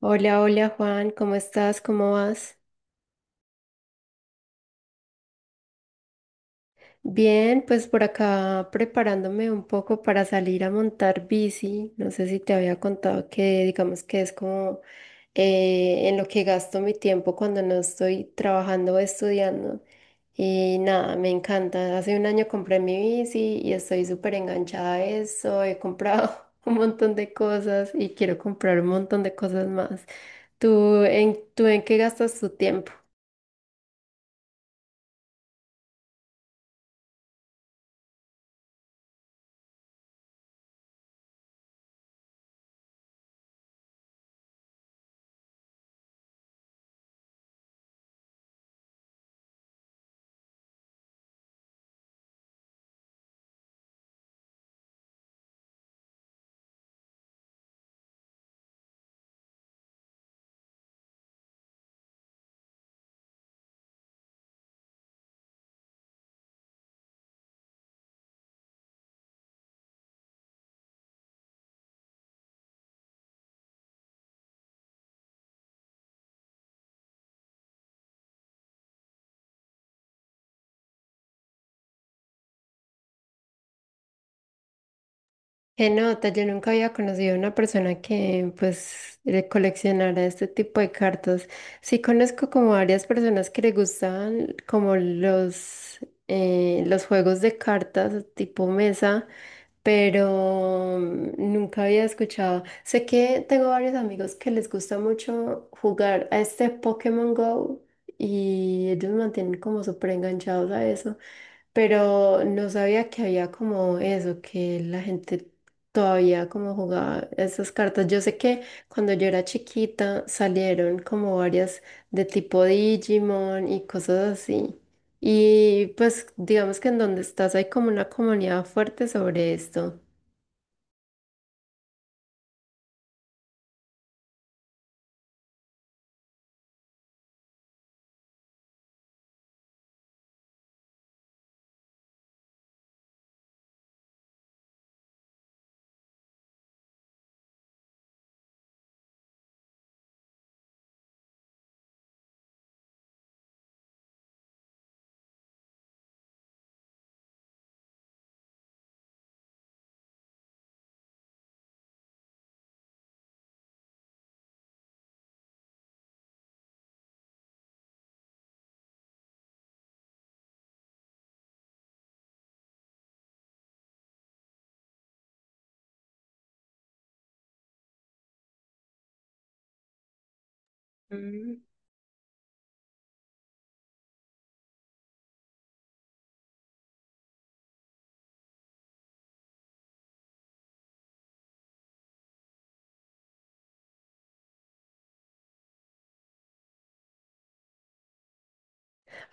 Hola, hola Juan, ¿cómo estás? ¿Cómo vas? Bien, pues por acá preparándome un poco para salir a montar bici. No sé si te había contado que digamos que es como en lo que gasto mi tiempo cuando no estoy trabajando o estudiando. Y nada, me encanta. Hace un año compré mi bici y estoy súper enganchada a eso. He comprado un montón de cosas y quiero comprar un montón de cosas más. ¿Tú en qué gastas tu tiempo? Qué nota, yo nunca había conocido a una persona que pues coleccionara este tipo de cartas. Sí conozco como varias personas que le gustan como los juegos de cartas tipo mesa, pero nunca había escuchado. Sé que tengo varios amigos que les gusta mucho jugar a este Pokémon Go y ellos mantienen como súper enganchados a eso, pero no sabía que había como eso, que la gente todavía como jugaba esas cartas. Yo sé que cuando yo era chiquita salieron como varias de tipo Digimon y cosas así. Y pues digamos que en donde estás hay como una comunidad fuerte sobre esto.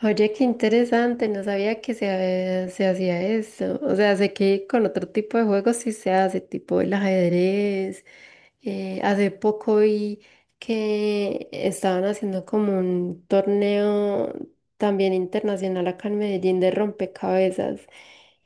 Oye, qué interesante, no sabía que se hacía eso. O sea, sé que con otro tipo de juegos sí se hace, tipo el ajedrez. Hace poco vi que estaban haciendo como un torneo también internacional acá en Medellín de rompecabezas,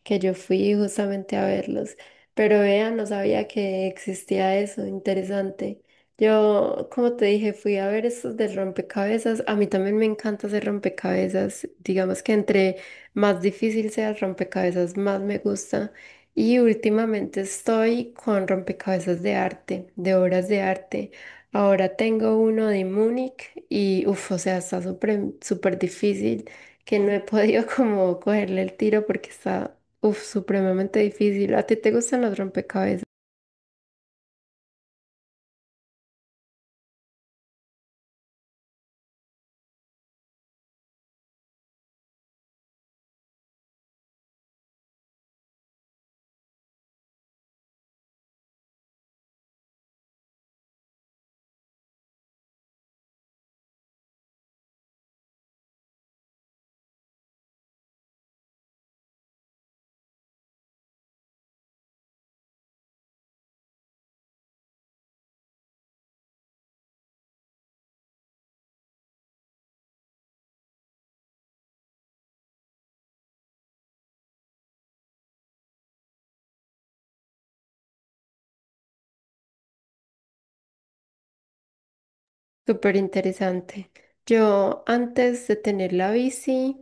que yo fui justamente a verlos. Pero vean, no sabía que existía eso, interesante. Yo, como te dije, fui a ver estos del rompecabezas. A mí también me encanta hacer rompecabezas. Digamos que entre más difícil sea el rompecabezas, más me gusta. Y últimamente estoy con rompecabezas de arte, de obras de arte. Ahora tengo uno de Múnich y, uff, o sea, está súper, súper difícil que no he podido como cogerle el tiro porque está, uff, supremamente difícil. ¿A ti te gustan los rompecabezas? Súper interesante. Yo antes de tener la bici,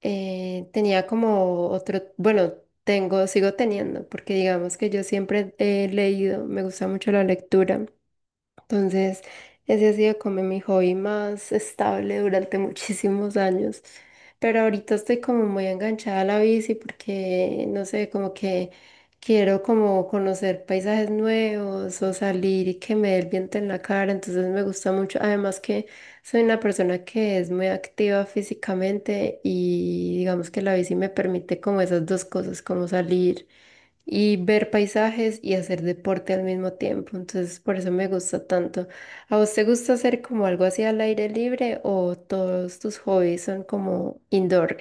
tenía como otro, bueno, tengo, sigo teniendo, porque digamos que yo siempre he leído, me gusta mucho la lectura. Entonces, ese ha sido como mi hobby más estable durante muchísimos años. Pero ahorita estoy como muy enganchada a la bici porque, no sé, como que quiero como conocer paisajes nuevos o salir y que me dé el viento en la cara. Entonces me gusta mucho. Además que soy una persona que es muy activa físicamente y digamos que la bici me permite como esas dos cosas, como salir y ver paisajes y hacer deporte al mismo tiempo. Entonces, por eso me gusta tanto. ¿A vos te gusta hacer como algo así al aire libre o todos tus hobbies son como indoor?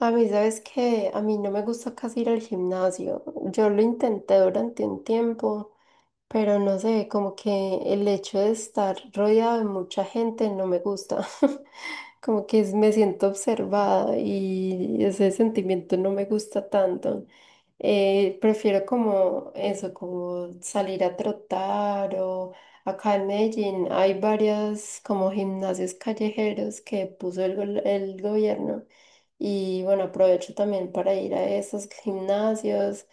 A mí, sabes que a mí no me gusta casi ir al gimnasio. Yo lo intenté durante un tiempo, pero no sé, como que el hecho de estar rodeado de mucha gente no me gusta. Como que me siento observada y ese sentimiento no me gusta tanto. Prefiero como eso, como salir a trotar o acá en Medellín hay varias como gimnasios callejeros que puso el gobierno y bueno, aprovecho también para ir a esos gimnasios.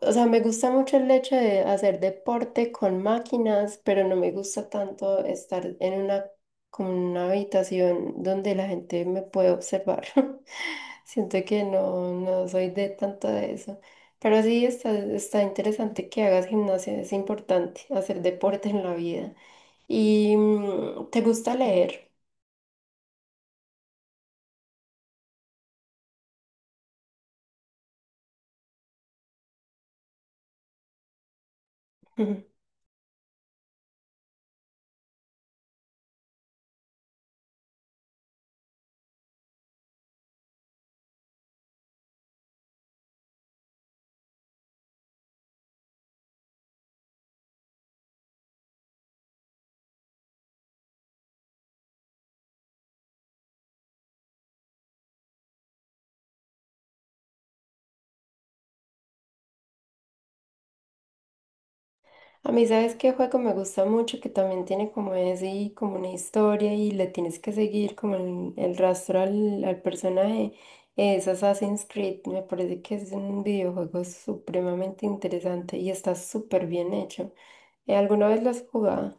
O sea, me gusta mucho el hecho de hacer deporte con máquinas, pero no me gusta tanto estar en una, como en una habitación donde la gente me puede observar. Siento que no, no soy de tanto de eso. Pero sí está, está interesante que hagas gimnasia, es importante hacer deporte en la vida. ¿Y te gusta leer? A mí, ¿sabes qué juego me gusta mucho? Que también tiene como ese, y como una historia y le tienes que seguir como el rastro al personaje. Es Assassin's Creed. Me parece que es un videojuego supremamente interesante y está súper bien hecho. ¿Alguna vez lo has jugado?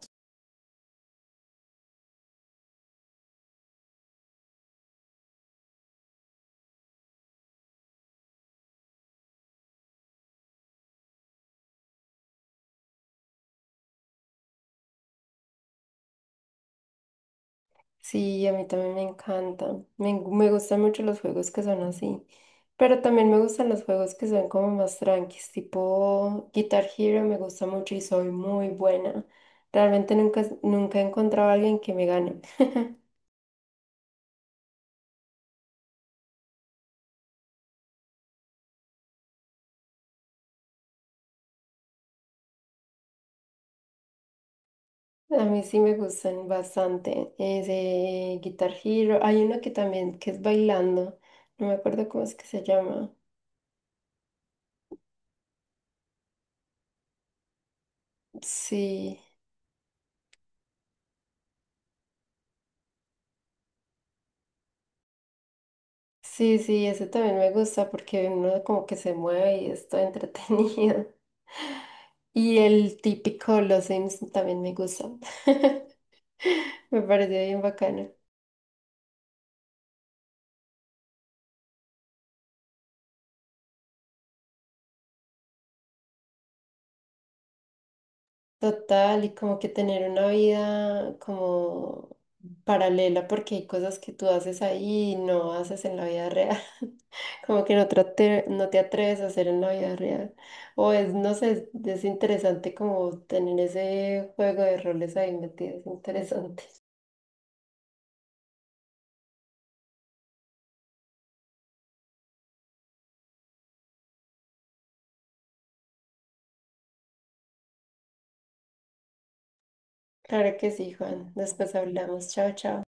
Sí, a mí también me encanta. Me gustan mucho los juegos que son así. Pero también me gustan los juegos que son como más tranquis, tipo Guitar Hero me gusta mucho y soy muy buena. Realmente nunca, nunca he encontrado a alguien que me gane. A mí sí me gustan bastante. Ese Guitar Hero. Hay uno que también, que es bailando. No me acuerdo cómo es que se llama. Sí, sí, sí, ese también me gusta porque uno como que se mueve y está entretenido. Y el típico los Sims también me gusta. Me parece bien bacano. Total, y como que tener una vida como paralela, porque hay cosas que tú haces ahí y no haces en la vida real. Como que no, no te atreves a hacer en la vida real. O es, no sé, es interesante como tener ese juego de roles ahí metido. Es interesante. Claro que sí, Juan. Después hablamos. Chao, chao.